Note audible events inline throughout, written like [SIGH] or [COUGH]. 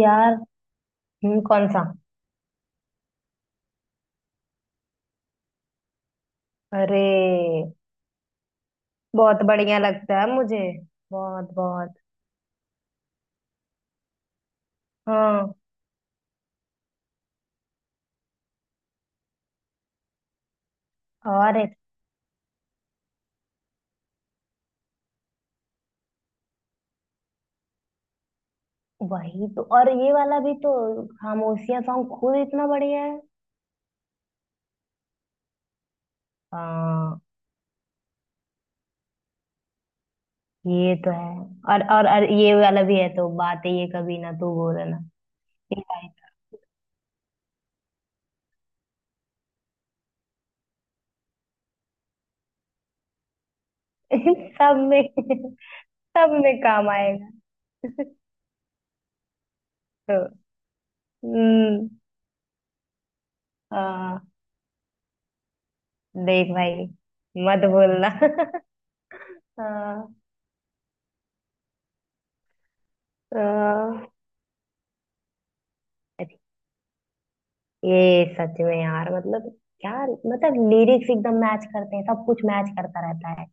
यार। कौन सा? अरे बहुत बढ़िया लगता है मुझे। बहुत बहुत। हाँ। और एक-। वही तो। और ये वाला भी तो खामोशियां सॉन्ग खुद इतना बढ़िया है। हाँ, ये तो है। और ये वाला भी है तो बात ये कभी ना तू बोलना। ये वाला। [LAUGHS] सब में। सब में काम आएगा। तो। हम्म। हाँ, देख भाई, मत बोलना। [LAUGHS] हाँ। हाँ। ये सच में यार, मतलब क्या, मतलब लिरिक्स एकदम मैच करते हैं, सब कुछ मैच करता रहता है।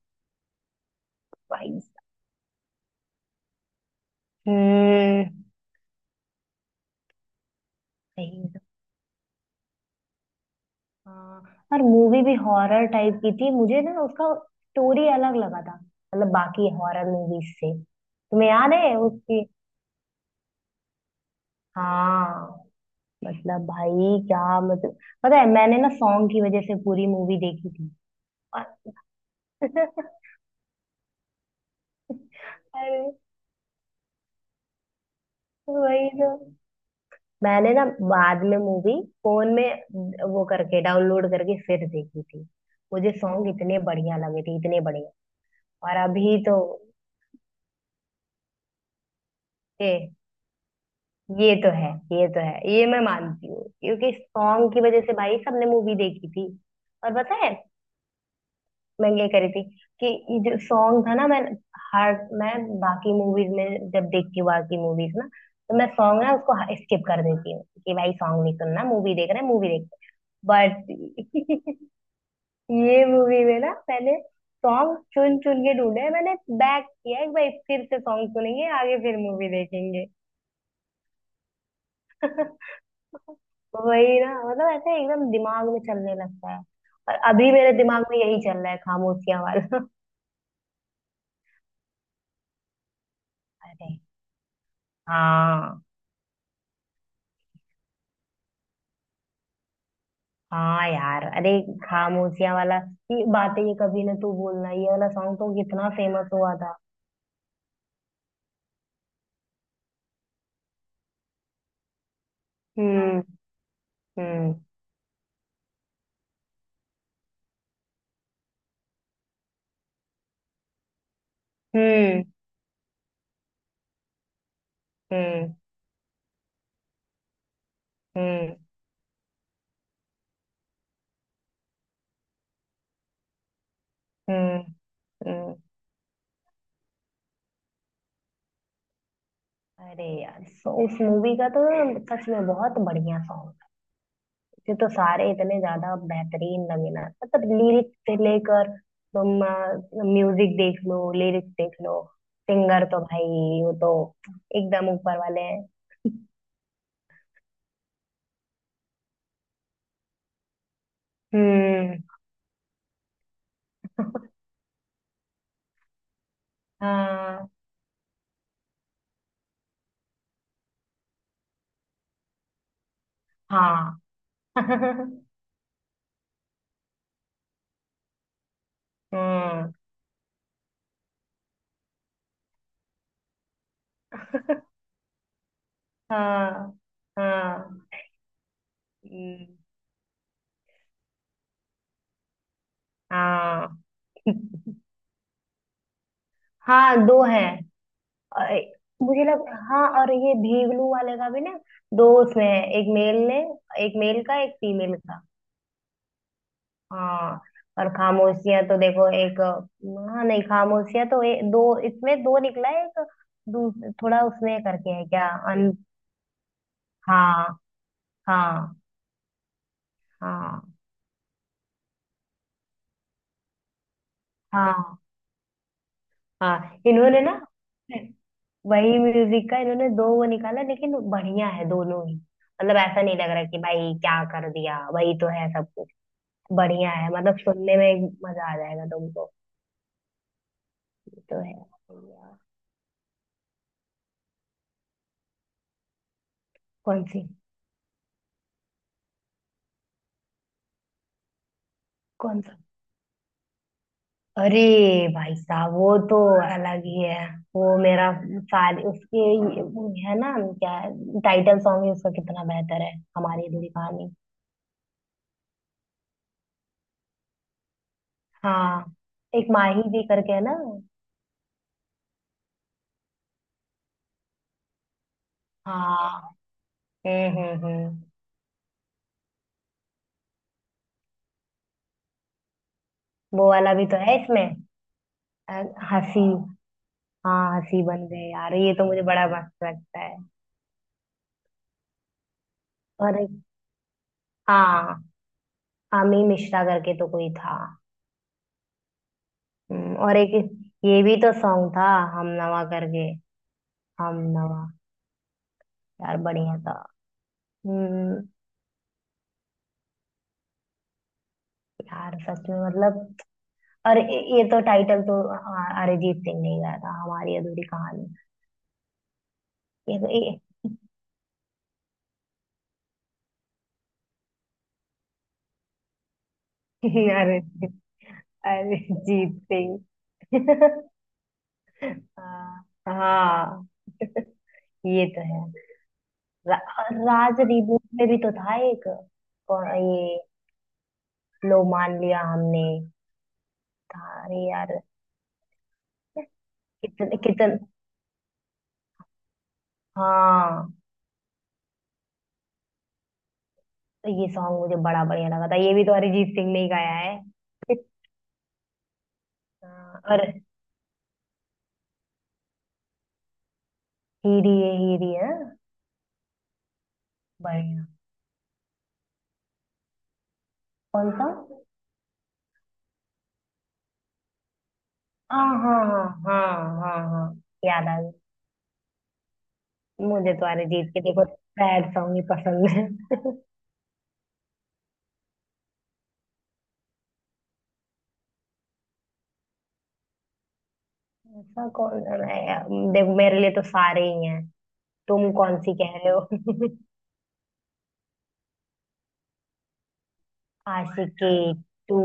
भाई साहब। हम्म। सही है। हाँ। और मूवी भी हॉरर टाइप की थी। मुझे ना उसका स्टोरी अलग लगा था, मतलब बाकी हॉरर मूवीज से। तुम्हें याद है उसकी? हाँ, मतलब भाई क्या मतलब, पता है मैंने ना सॉन्ग की वजह से पूरी मूवी देखी थी। और [LAUGHS] अरे, वही तो। मैंने ना बाद में मूवी फोन में वो करके डाउनलोड करके फिर देखी थी। मुझे सॉन्ग इतने बढ़िया लगे थे, इतने बढ़िया। और अभी तो ए, ये तो है, ये तो है, ये मैं मानती हूँ क्योंकि सॉन्ग की वजह से भाई सबने मूवी देखी थी। और पता है, मैं ये करी थी कि ये जो सॉन्ग था ना, हर मैं बाकी मूवीज में जब देखती हूँ, बाकी मूवीज ना, तो मैं सॉन्ग ना उसको स्किप कर देती हूँ कि भाई सॉन्ग नहीं सुनना, मूवी देख रहे हैं, मूवी देख रहे हैं। बट [LAUGHS] ये मूवी में ना मैंने सॉन्ग चुन चुन के ढूंढे हैं। मैंने बैक किया एक, भाई फिर से सॉन्ग सुनेंगे, आगे फिर मूवी देखेंगे। [LAUGHS] वही ना, मतलब ऐसे एकदम दिमाग में चलने लगता है। और अभी मेरे दिमाग में यही चल रहा है, खामोशियां वाला। [LAUGHS] अरे हाँ। हाँ यार, अरे, खामोशियां वाला, ये बातें, ये कभी ना तू बोलना, ये वाला सॉन्ग तो कितना फेमस हुआ था। हम्म। हम्म। हम्म। हम्म। हम्म। हम्म। हम्म, अरे यार, सो उस मूवी का तो सच में बहुत बढ़िया सॉन्ग था। ये तो सारे इतने ज्यादा बेहतरीन लगे ना, मतलब लिरिक्स से लेकर, तुम म्यूजिक देख लो, लिरिक्स देख लो, सिंगर तो भाई वो तो एकदम ऊपर वाले हैं। हम्म। हाँ। हाँ। [LAUGHS] हम्म। हाँ। हाँ। हम्म, हाँ। [LAUGHS] हाँ, दो हैं। और मुझे लग, हाँ और ये भीगलू वाले का भी ना, दो उसमें है, एक मेल ने, एक मेल का एक फीमेल का। हाँ। और खामोशियां तो देखो एक, हाँ नहीं, खामोशियां तो दो इसमें, दो निकला है एक। दूस- थोड़ा उसमें करके है क्या? अन। हाँ। हाँ। हाँ। हाँ। हाँ। इन्होंने ना वही म्यूजिक का इन्होंने दो वो निकाला, लेकिन बढ़िया है दोनों ही, मतलब ऐसा नहीं लग रहा कि भाई क्या कर दिया, वही तो है सब। बढ़िया है, मतलब सुनने में मजा आ जाएगा तुमको। ये तो है बढ़िया। कौन सी? कौन सा? अरे भाई साहब, वो तो अलग ही है। वो मेरा साल उसके वो है ना क्या, टाइटल सॉन्ग ही उसका कितना बेहतर है, हमारी अधूरी कहानी। हाँ, एक माही जी करके है ना। हाँ। हम्म। हम्म। हम्म। वो वाला भी तो है इसमें अ, हंसी। हाँ, हंसी बन गए। यार ये तो मुझे बड़ा मस्त लगता है। और एक-। हाँ, आमी मिश्रा करके तो कोई था। और एक ये भी तो सॉन्ग था, हम नवा करके। हम नवा। यार बढ़िया था। हम्म। यार सच में, मतलब। और ये तो टाइटल तो अ- अरिजीत सिंह ने ही गाया था, हमारी अधूरी कहानी। ये तो ये [LAUGHS] अरिजीत, अरिजीत सिंह। [LAUGHS] हाँ हाँ, ये तो है। रा, राज रिबूट में भी तो था एक। कौन- ये लो, मान लिया हमने, था अरे यार। कितने कितने हाँ। तो ये सॉन्ग मुझे बड़ा बढ़िया लगा था, ये भी तो अरिजीत सिंह ने ही गाया है। हाँ, और हीरी है, हीरी है। बढ़िया। कौन सा? हाँ हाँ हाँ हाँ। हाँ, हाँ याद आ गया। मुझे तो अरिजीत के देखो सैड सॉन्ग ही पसंद है। ऐसा कौन सा है यार? देखो, मेरे लिए तो सारे ही हैं। तुम कौन सी कह रहे हो? [LAUGHS] आशिकी टू।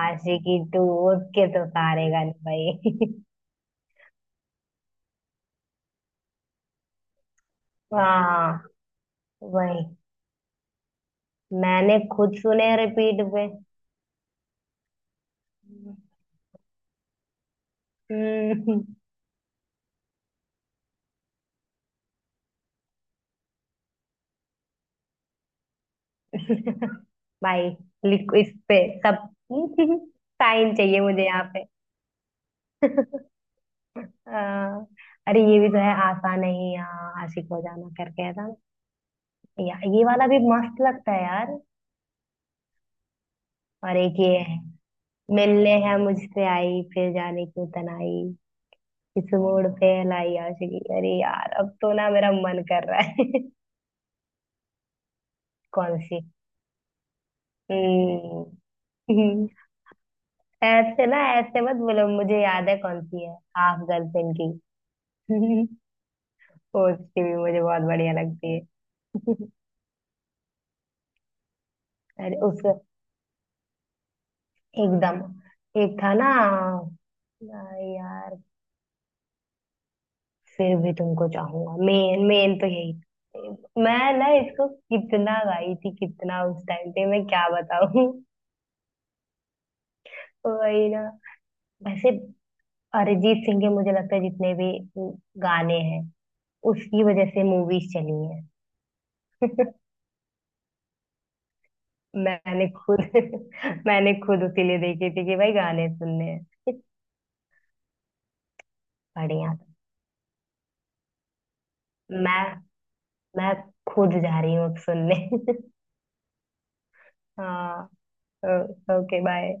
आशिकी टू, उसके तो सारे गाने भाई। [LAUGHS] हाँ, वही। मैंने खुद सुने रिपीट पे। [LAUGHS] हम्म। भाई लिखो इस पे सब। [LAUGHS] साइन चाहिए मुझे यहाँ पे। आ, अरे ये भी तो है, आसान नहीं यहाँ आशिक हो जाना, करके है ना। ये वाला भी मस्त लगता है यार। और एक ये है, मिलने है मुझसे आई, फिर जाने क्यों तनाई, इस मोड़ पे लाई आशिकी। अरे यार, अब तो ना मेरा मन कर रहा है। [LAUGHS] कौन सी? हम्म। [LAUGHS] ऐसे ना, ऐसे मत बोलो, मुझे याद है कौन सी है, हाफ गर्लफ्रेंड की। [LAUGHS] उसकी भी मुझे बहुत बढ़िया लगती है। [LAUGHS] अरे उस, एकदम एक था ना यार, फिर भी तुमको चाहूंगा, मेन मेन तो यही था। मैं ना इसको कितना गाई थी, कितना उस टाइम पे, मैं क्या बताऊं। [LAUGHS] वही ना। वैसे अरिजीत सिंह के मुझे लगता है जितने भी गाने हैं, उसकी वजह से मूवीज चली हैं। मैंने खुद [LAUGHS] मैंने खुद उसीलिए देखी थी कि भाई गाने सुनने हैं। बढ़िया। मैं मैं खुद जा रही हूँ अब सुनने। [LAUGHS] हाँ, ओके बाय।